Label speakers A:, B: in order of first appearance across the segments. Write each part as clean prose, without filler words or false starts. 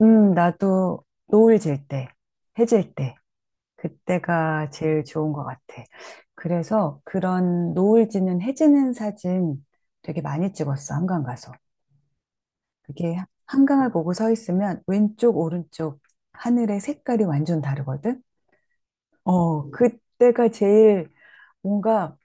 A: 나도 노을 질 때, 해질 때, 그때가 제일 좋은 것 같아. 그래서 그런 노을 지는 해 지는 사진 되게 많이 찍었어, 한강 가서. 그게 한강을 보고 서 있으면 왼쪽, 오른쪽 하늘의 색깔이 완전 다르거든? 어, 그때가 제일 뭔가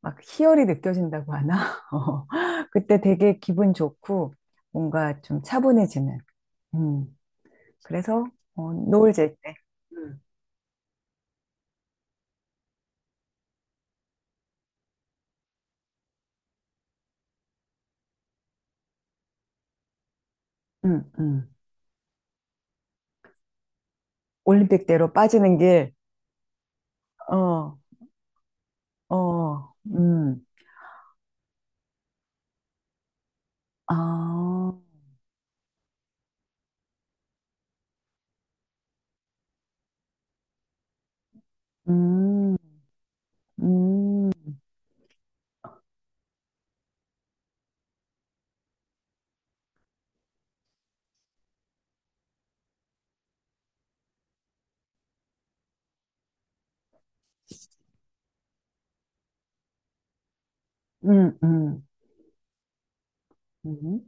A: 막 희열이 느껴진다고 하나? 어, 그때 되게 기분 좋고 뭔가 좀 차분해지는. 음, 그래서 어, 노을 질 때. 응, 응. 올림픽대로 빠지는 길. 어, 어, 아, 음, 음, 음, 음, 음,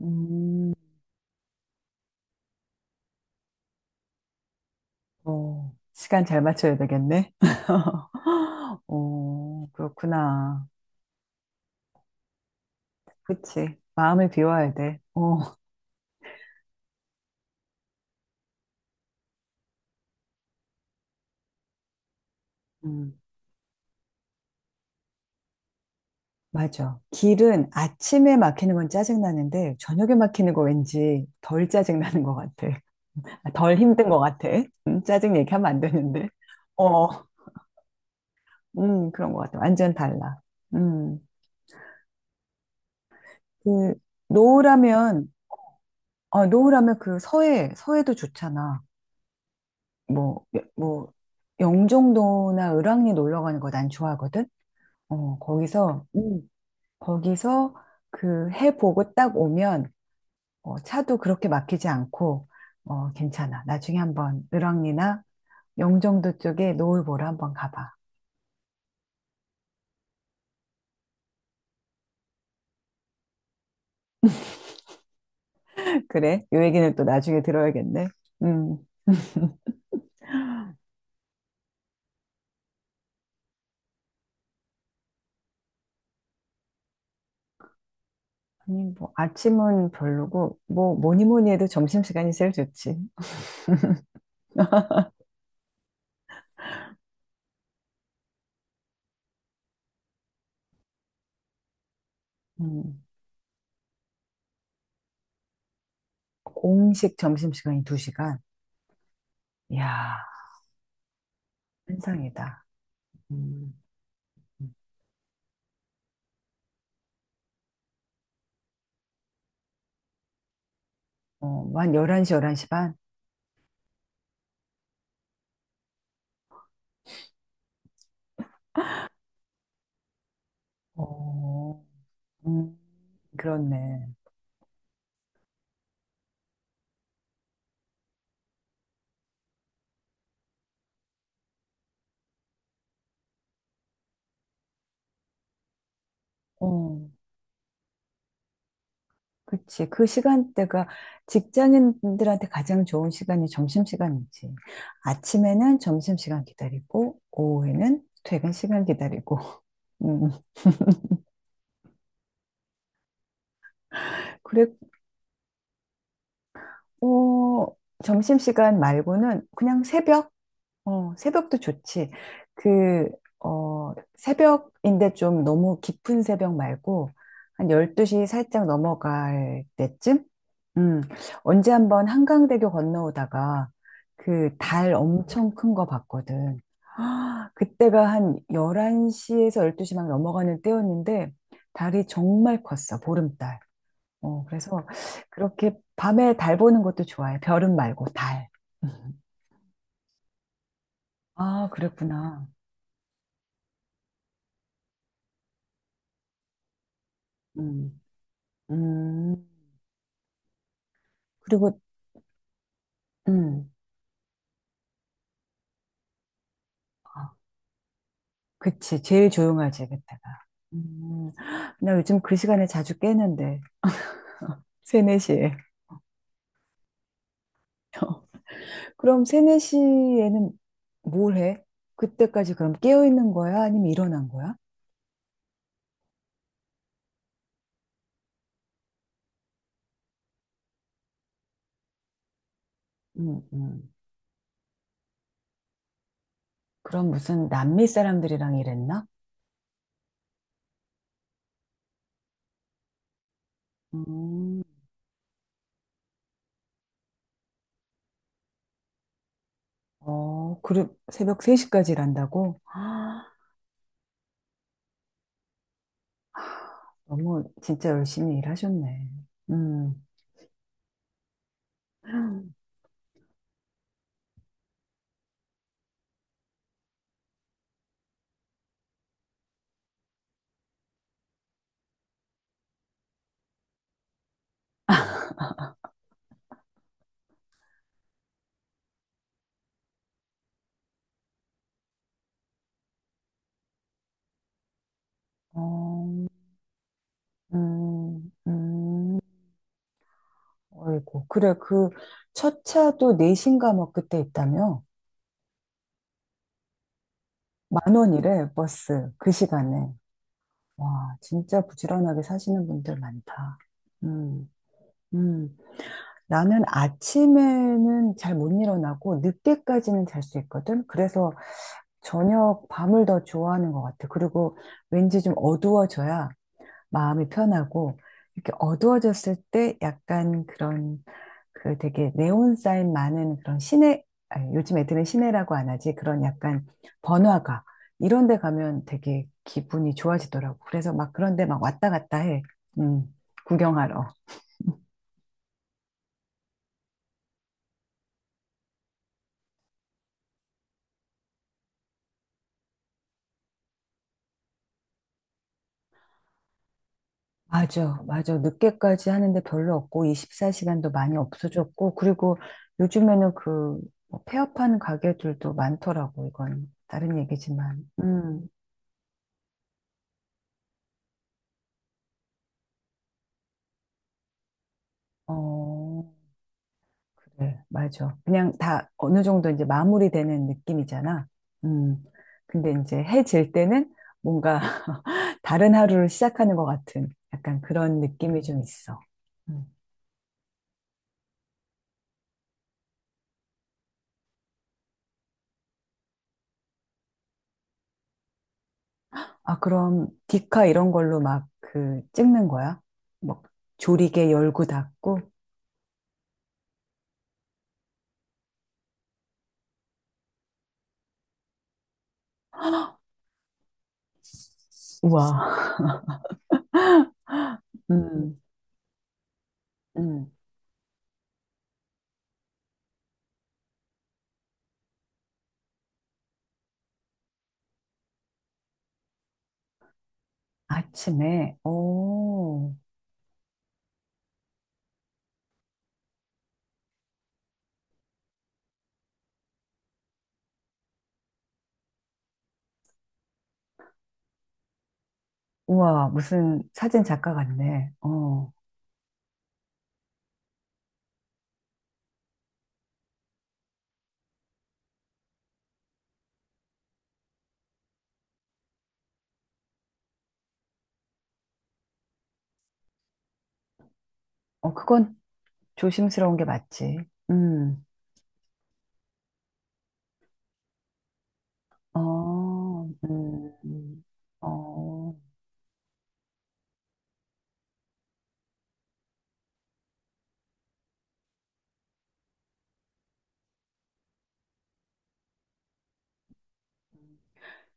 A: 음. 어, 시간 잘 맞춰야 되겠네. 오, 그렇구나. 그치. 마음을 비워야 돼. 어, 음, 맞아. 길은 아침에 막히는 건 짜증나는데, 저녁에 막히는 거 왠지 덜 짜증나는 것 같아. 덜 힘든 것 같아. 짜증 얘기하면 안 되는데. 어. 그런 것 같아. 완전 달라. 음, 그, 노을하면, 어 노을하면 그 서해, 서해도 좋잖아. 뭐, 뭐, 영종도나 을왕리 놀러 가는 거 난 좋아하거든? 어, 거기서, 거기서 그 해 보고 딱 오면, 어, 차도 그렇게 막히지 않고, 어, 괜찮아. 나중에 한번 을왕리나 영종도 쪽에 노을 보러 한번 가봐. 그래? 요 얘기는 또 나중에 들어야겠네. 음. 아니, 뭐, 아침은 별로고, 뭐, 뭐니 뭐니 해도 점심시간이 제일 좋지. 음, 공식 점심시간이 2시간. 이야, 환상이다. 음, 음. 어, 뭐 한 11시, 11시 반? 어, 음, 그렇네. 어, 그치. 그 시간대가 직장인들한테 가장 좋은 시간이 점심시간이지. 아침에는 점심시간 기다리고, 오후에는 퇴근 시간 기다리고. 음, 어, 점심시간 말고는 그냥 새벽? 어, 새벽도 좋지. 그, 어, 새벽인데 좀 너무 깊은 새벽 말고 한 12시 살짝 넘어갈 때쯤? 음, 언제 한번 한강대교 건너오다가 그 달 엄청 큰 거 봤거든. 아, 그때가 한 11시에서 12시 막 넘어가는 때였는데 달이 정말 컸어, 보름달. 어, 그래서 그렇게 밤에 달 보는 것도 좋아해. 별은 말고 달. 음. 아, 그랬구나. 음, 음. 그리고, 음, 아, 그치. 제일 조용하지, 그때가. 음, 나 요즘 그 시간에 자주 깨는데, 세네 시에. 그럼 세네 시에는뭘 해? 그때까지 그럼 깨어있는 거야? 아니면 일어난 거야? 음, 음. 그럼 무슨 남미 사람들이랑 일했나? 음. 어, 그래, 새벽 3시까지 일한다고? 아, 너무 진짜 열심히 일하셨네. 음, 어, 음, 음, 어이구. 그래, 그, 첫 차도 내시인가 뭐 그때 있다며? 만 원이래, 버스. 그 시간에. 와, 진짜 부지런하게 사시는 분들 많다. 음, 음. 나는 아침에는 잘 못 일어나고 늦게까지는 잘 수 있거든. 그래서 저녁 밤을 더 좋아하는 것 같아. 그리고 왠지 좀 어두워져야 마음이 편하고 이렇게 어두워졌을 때 약간 그런 그 되게 네온 사인 많은 그런 시내, 아니, 요즘 애들은 시내라고 안 하지. 그런 약간 번화가 이런 데 가면 되게 기분이 좋아지더라고. 그래서 막 그런 데 막 왔다 갔다 해. 음, 구경하러. 맞아, 맞아. 늦게까지 하는데 별로 없고, 24시간도 많이 없어졌고, 그리고 요즘에는 그, 뭐 폐업하는 가게들도 많더라고, 이건. 다른 얘기지만. 어, 그래, 맞아. 그냥 다 어느 정도 이제 마무리되는 느낌이잖아. 음, 근데 이제 해 질 때는 뭔가 다른 하루를 시작하는 것 같은 약간 그런 느낌이 좀 있어. 음. 아, 그럼 디카 이런 걸로 막 그 찍는 거야? 막 조리개 열고 닫고? 우와. 음, 음. 아침에, 오, 우와, 무슨 사진 작가 같네. 어, 어, 그건 조심스러운 게 맞지. 음, 어, 어.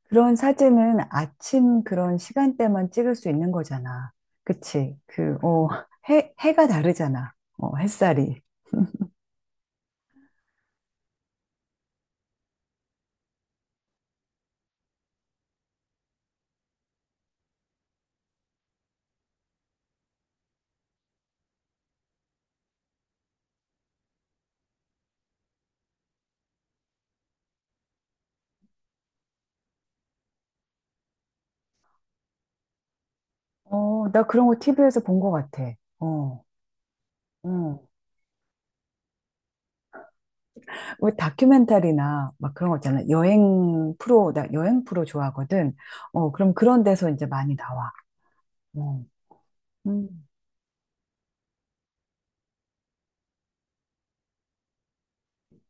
A: 그런 사진은 아침 그런 시간대만 찍을 수 있는 거잖아. 그치? 그, 어, 해, 해가 다르잖아. 어, 햇살이. 어, 나 그런 거 티비에서 본 것 같아. 어, 어. 왜 다큐멘터리나 막 그런 거 있잖아. 여행 프로, 나 여행 프로 좋아하거든. 어, 그럼 그런 데서 이제 많이 나와. 어. 음,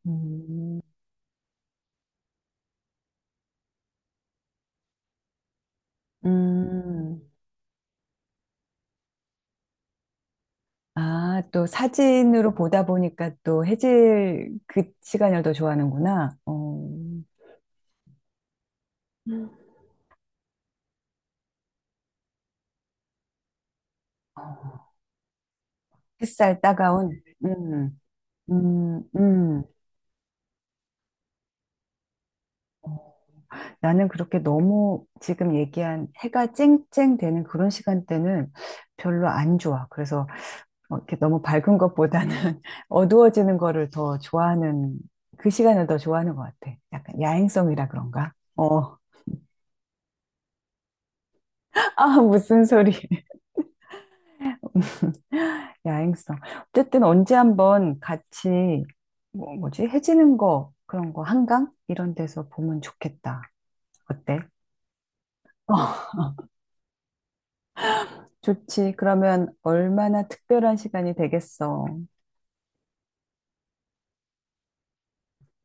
A: 음, 음. 아, 또 사진으로 보다 보니까 또 해질 그 시간을 더 좋아하는구나. 어, 음. 어, 햇살 따가운. 음, 음. 어. 나는 그렇게 너무 지금 얘기한 해가 쨍쨍 되는 그런 시간대는 별로 안 좋아. 그래서 어, 이렇게 너무 밝은 것보다는 어두워지는 거를 더 좋아하는, 그 시간을 더 좋아하는 것 같아. 약간 야행성이라 그런가? 어. 아, 무슨 소리. 야행성. 어쨌든 언제 한번 같이, 뭐, 뭐지? 해지는 거, 그런 거, 한강? 이런 데서 보면 좋겠다. 어때? 어, 좋지. 그러면 얼마나 특별한 시간이 되겠어.